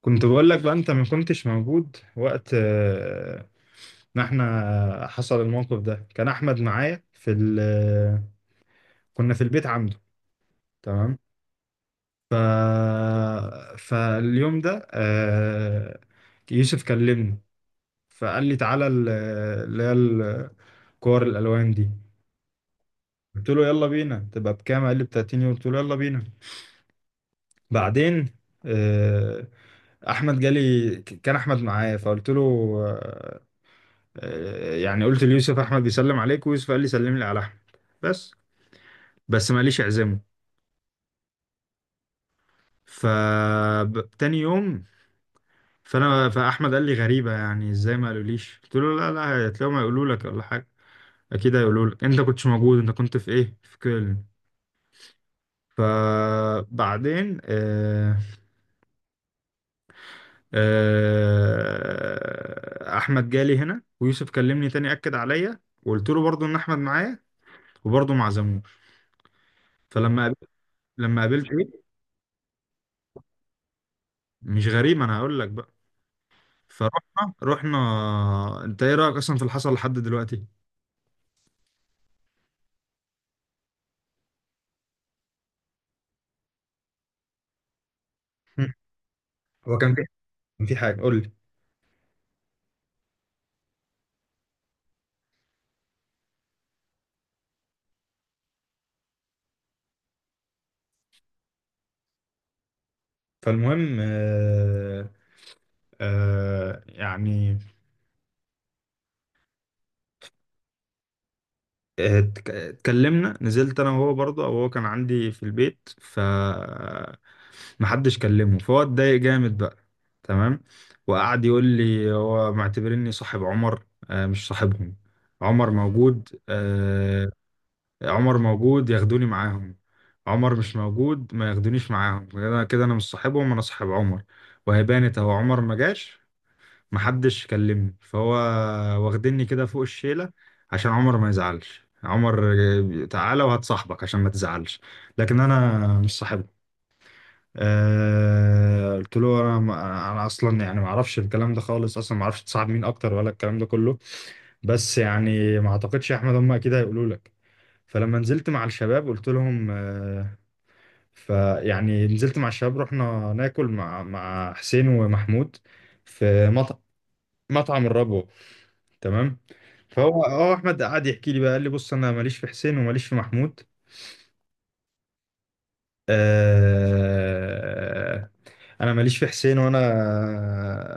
كنت بقول لك بقى انت ما كنتش موجود وقت ما احنا حصل الموقف ده كان احمد معايا في ال... آه، كنا في البيت عنده. تمام. ف... فاليوم ده يوسف كلمني، فقال لي تعالى اللي هي الكور الالوان دي. قلت له يلا بينا، تبقى بكام؟ قال لي ب 30 يورو، قلت له يلا بينا. بعدين آه، احمد جالي، كان احمد معايا فقلت له آه، يعني قلت ليوسف احمد بيسلم عليك، ويوسف قال لي سلم لي على احمد، بس بس ماليش اعزمه. ف تاني يوم. فاحمد قال لي غريبه، يعني ازاي ما قالوليش؟ قلت له لا لا، هتلاقيهم هيقولوا لك ولا حاجه. اكيد هيقولوا لك انت كنتش موجود، انت كنت في ايه، في كولن. فبعدين احمد جالي هنا، ويوسف كلمني تاني، اكد عليا وقلت له برضو ان احمد معايا، وبرضه ما عزموه. فلما قابل- لما قابلت ايه، مش غريب، انا هقول لك بقى. رحنا انت ايه رايك اصلا في اللي حصل لحد دلوقتي؟ مم. هو كان في حاجه قول لي. فالمهم يعني اتكلمنا، نزلت انا وهو، برضه او هو كان عندي في البيت، محدش كلمه فهو اتضايق جامد بقى. تمام. وقعد يقول لي هو معتبرني صاحب عمر، مش صاحبهم. عمر موجود آه، عمر موجود ياخدوني معاهم، عمر مش موجود ما ياخدونيش معاهم، كده كده انا مش صاحبهم، انا صاحب عمر. وهي بانت اهو، عمر ما جاش محدش كلمني، فهو واخدني كده فوق الشيلة عشان عمر ما يزعلش. عمر تعالى وهتصاحبك عشان ما تزعلش، لكن انا مش صاحبه. أه قلت له انا اصلا يعني ما اعرفش الكلام ده خالص، اصلا ما اعرفش تصاحب مين اكتر ولا الكلام ده كله، بس يعني ما اعتقدش يا احمد، هم اكيد هيقولوا لك. فلما نزلت مع الشباب قلت لهم فيعني نزلت مع الشباب، رحنا ناكل مع حسين ومحمود في مطعم الربو. تمام. فهو اه احمد قعد يحكي لي بقى، قال لي بص انا ماليش في حسين وماليش في محمود، آه... انا ماليش في حسين، وانا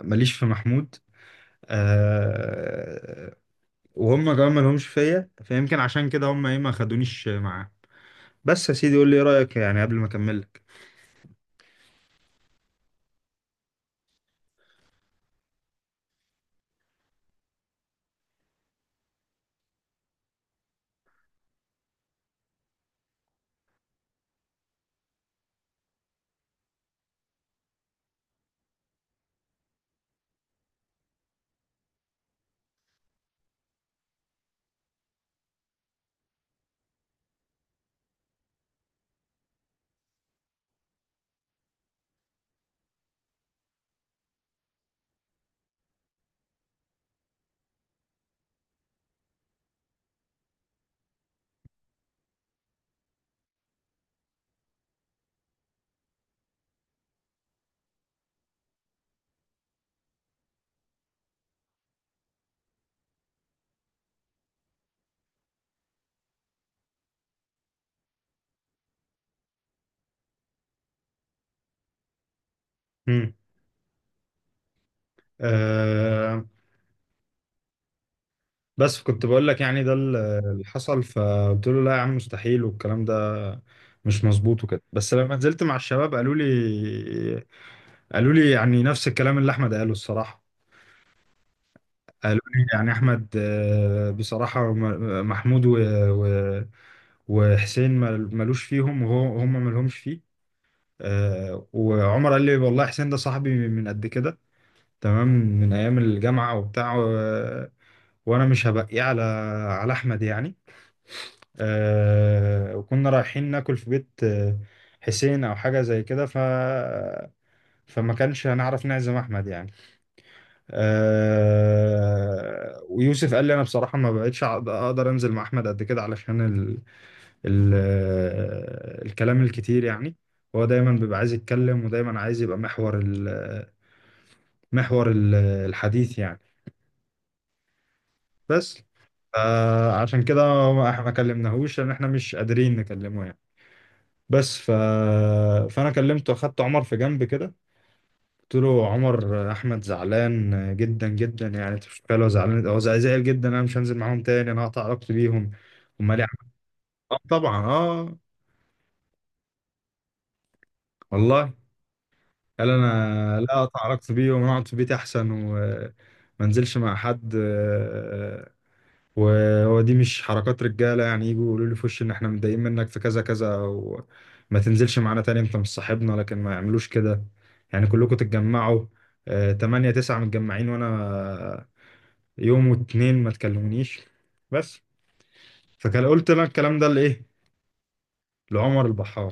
ماليش في محمود، آه... وهم كمان مالهمش فيا، فيمكن عشان كده هم ايه، ما خدونيش معاه. بس يا سيدي قول لي ايه رايك يعني قبل ما اكمل لك. آه بس كنت بقول لك يعني ده اللي حصل، فقلت له لا يا عم، مستحيل، والكلام ده مش مظبوط وكده. بس لما نزلت مع الشباب قالوا لي يعني نفس الكلام اللي احمد قاله الصراحة. قالوا لي يعني احمد بصراحة محمود و- وحسين ملوش فيهم، وهو هم ملهمش فيه. وعمر قال لي والله حسين ده صاحبي من قد كده، تمام، من ايام الجامعة وبتاع، وانا مش هبقيه على احمد يعني. وكنا رايحين ناكل في بيت حسين او حاجه زي كده، فما كانش هنعرف نعزم احمد يعني. ويوسف قال لي انا بصراحه ما بقتش اقدر انزل مع احمد قد كده، علشان ال... ال... آه، الكلام الكتير يعني. هو دايما بيبقى عايز يتكلم، ودايما عايز يبقى محور محور الحديث يعني، بس. عشان كده ما كلمناهوش، لان احنا مش قادرين نكلمه يعني. بس فانا كلمته، اخدت عمر في جنب كده، قلت له عمر احمد زعلان جدا جدا، يعني انت مش متخيل هو زعلان، هو زعل جدا. انا مش هنزل معاهم تاني، انا هقطع علاقتي بيهم، هم ليه؟ اه طبعا، اه والله. قال انا لا، اقطع علاقتي بيهم، انا اقعد في بيتي احسن وما انزلش مع حد. وهو دي مش حركات رجاله يعني، يجوا يقولوا لي في وشي ان احنا متضايقين منك في كذا كذا، او ما تنزلش معانا تاني انت مش صاحبنا، لكن ما يعملوش كده، يعني كلكم تتجمعوا تمانية تسعة متجمعين، وانا آه، يوم واتنين ما تكلمونيش، بس. فكان قلت لك الكلام ده لايه؟ لعمر البحار.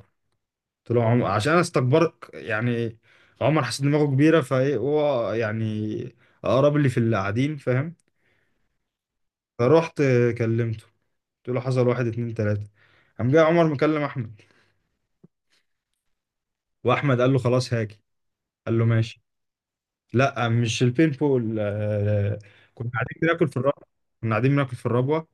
قلت له عمر عشان انا استكبرت يعني؟ عمر حاسس دماغه كبيره؟ فايه هو يعني اقرب لي في اللي قاعدين، فاهم؟ فروحت كلمته، قلت له حصل واحد اتنين تلاتة، قام جاي عمر مكلم احمد، واحمد قال له خلاص هاجي، قال له ماشي. لا مش البين بول، كنا قاعدين بناكل في الربوه. كنا قاعدين بناكل في الربوه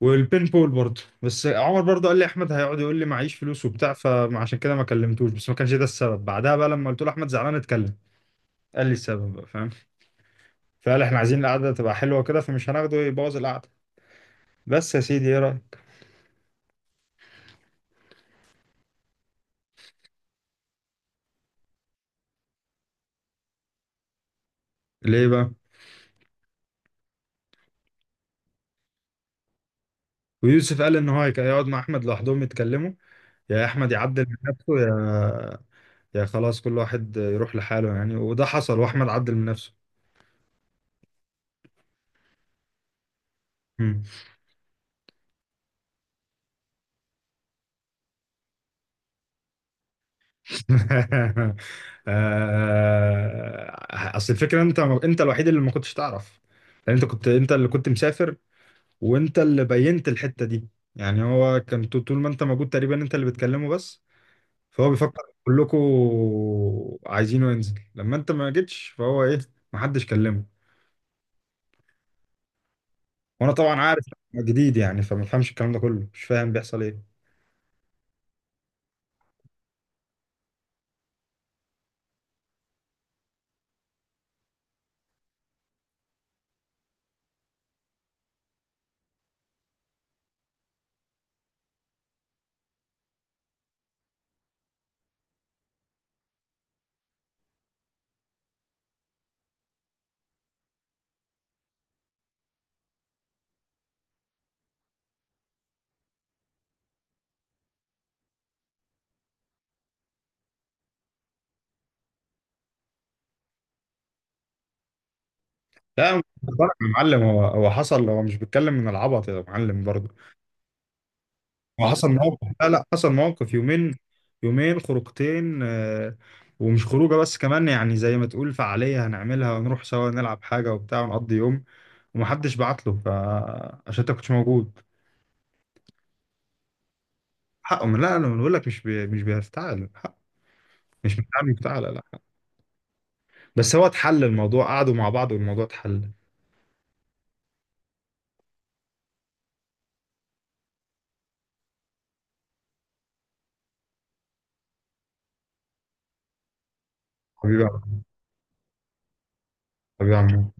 والبين بول برضه، بس عمر برضه قال لي احمد هيقعد يقول لي معيش فلوس وبتاع، فعشان كده ما كلمتوش، بس ما كانش ده السبب. بعدها بقى لما قلت له احمد زعلان اتكلم، قال لي السبب بقى، فاهم؟ فقال احنا عايزين القعده تبقى حلوه كده، فمش هناخده يبوظ القعده. بس يا سيدي ايه رايك؟ ليه بقى؟ ويوسف قال ان هو هيقعد مع احمد لوحدهم يتكلموا، يا احمد يعدل من نفسه، يا خلاص كل واحد يروح لحاله يعني. وده حصل، واحمد عدل من نفسه. مم. اصل الفكره، انت الوحيد اللي ما كنتش تعرف، لان انت كنت، انت اللي كنت مسافر، وانت اللي بينت الحته دي، يعني هو كان طول ما انت موجود تقريبا انت اللي بتكلمه بس. فهو بيفكر كلكم عايزينه ينزل، لما انت ما جيتش فهو ايه، ما حدش كلمه. وانا طبعا عارف جديد يعني، فما بفهمش الكلام ده كله، مش فاهم بيحصل ايه. لا مش بتفرج يا معلم، هو حصل، هو مش بيتكلم من العبط يا معلم برضه. هو حصل موقف، لا لا، حصل موقف يومين، يومين خروجتين ومش خروجه بس، كمان يعني زي ما تقول فعاليه هنعملها ونروح سوا نلعب حاجه وبتاع ونقضي يوم، ومحدش بعت له، فعشان انت كنتش موجود. حقه، من؟ لا انا بقول لك، مش بيفتعل حقه، مش بتاع مفتعل لا. بس هو اتحل الموضوع، قعدوا مع بعض والموضوع اتحل. حبيبي يا عم- حبيبي يا عم.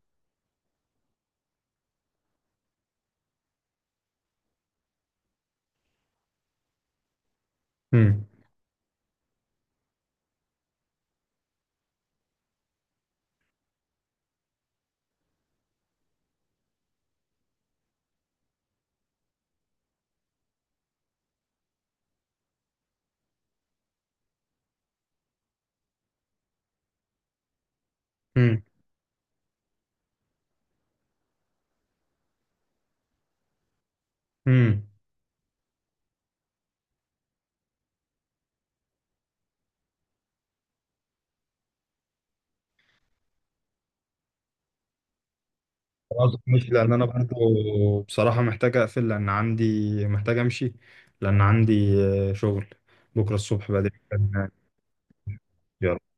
مم. مم. مم. خلاص، مش لان انا برضو بصراحه محتاج اقفل، لان عندي، محتاج امشي، لان عندي شغل بكره الصبح بدري. يا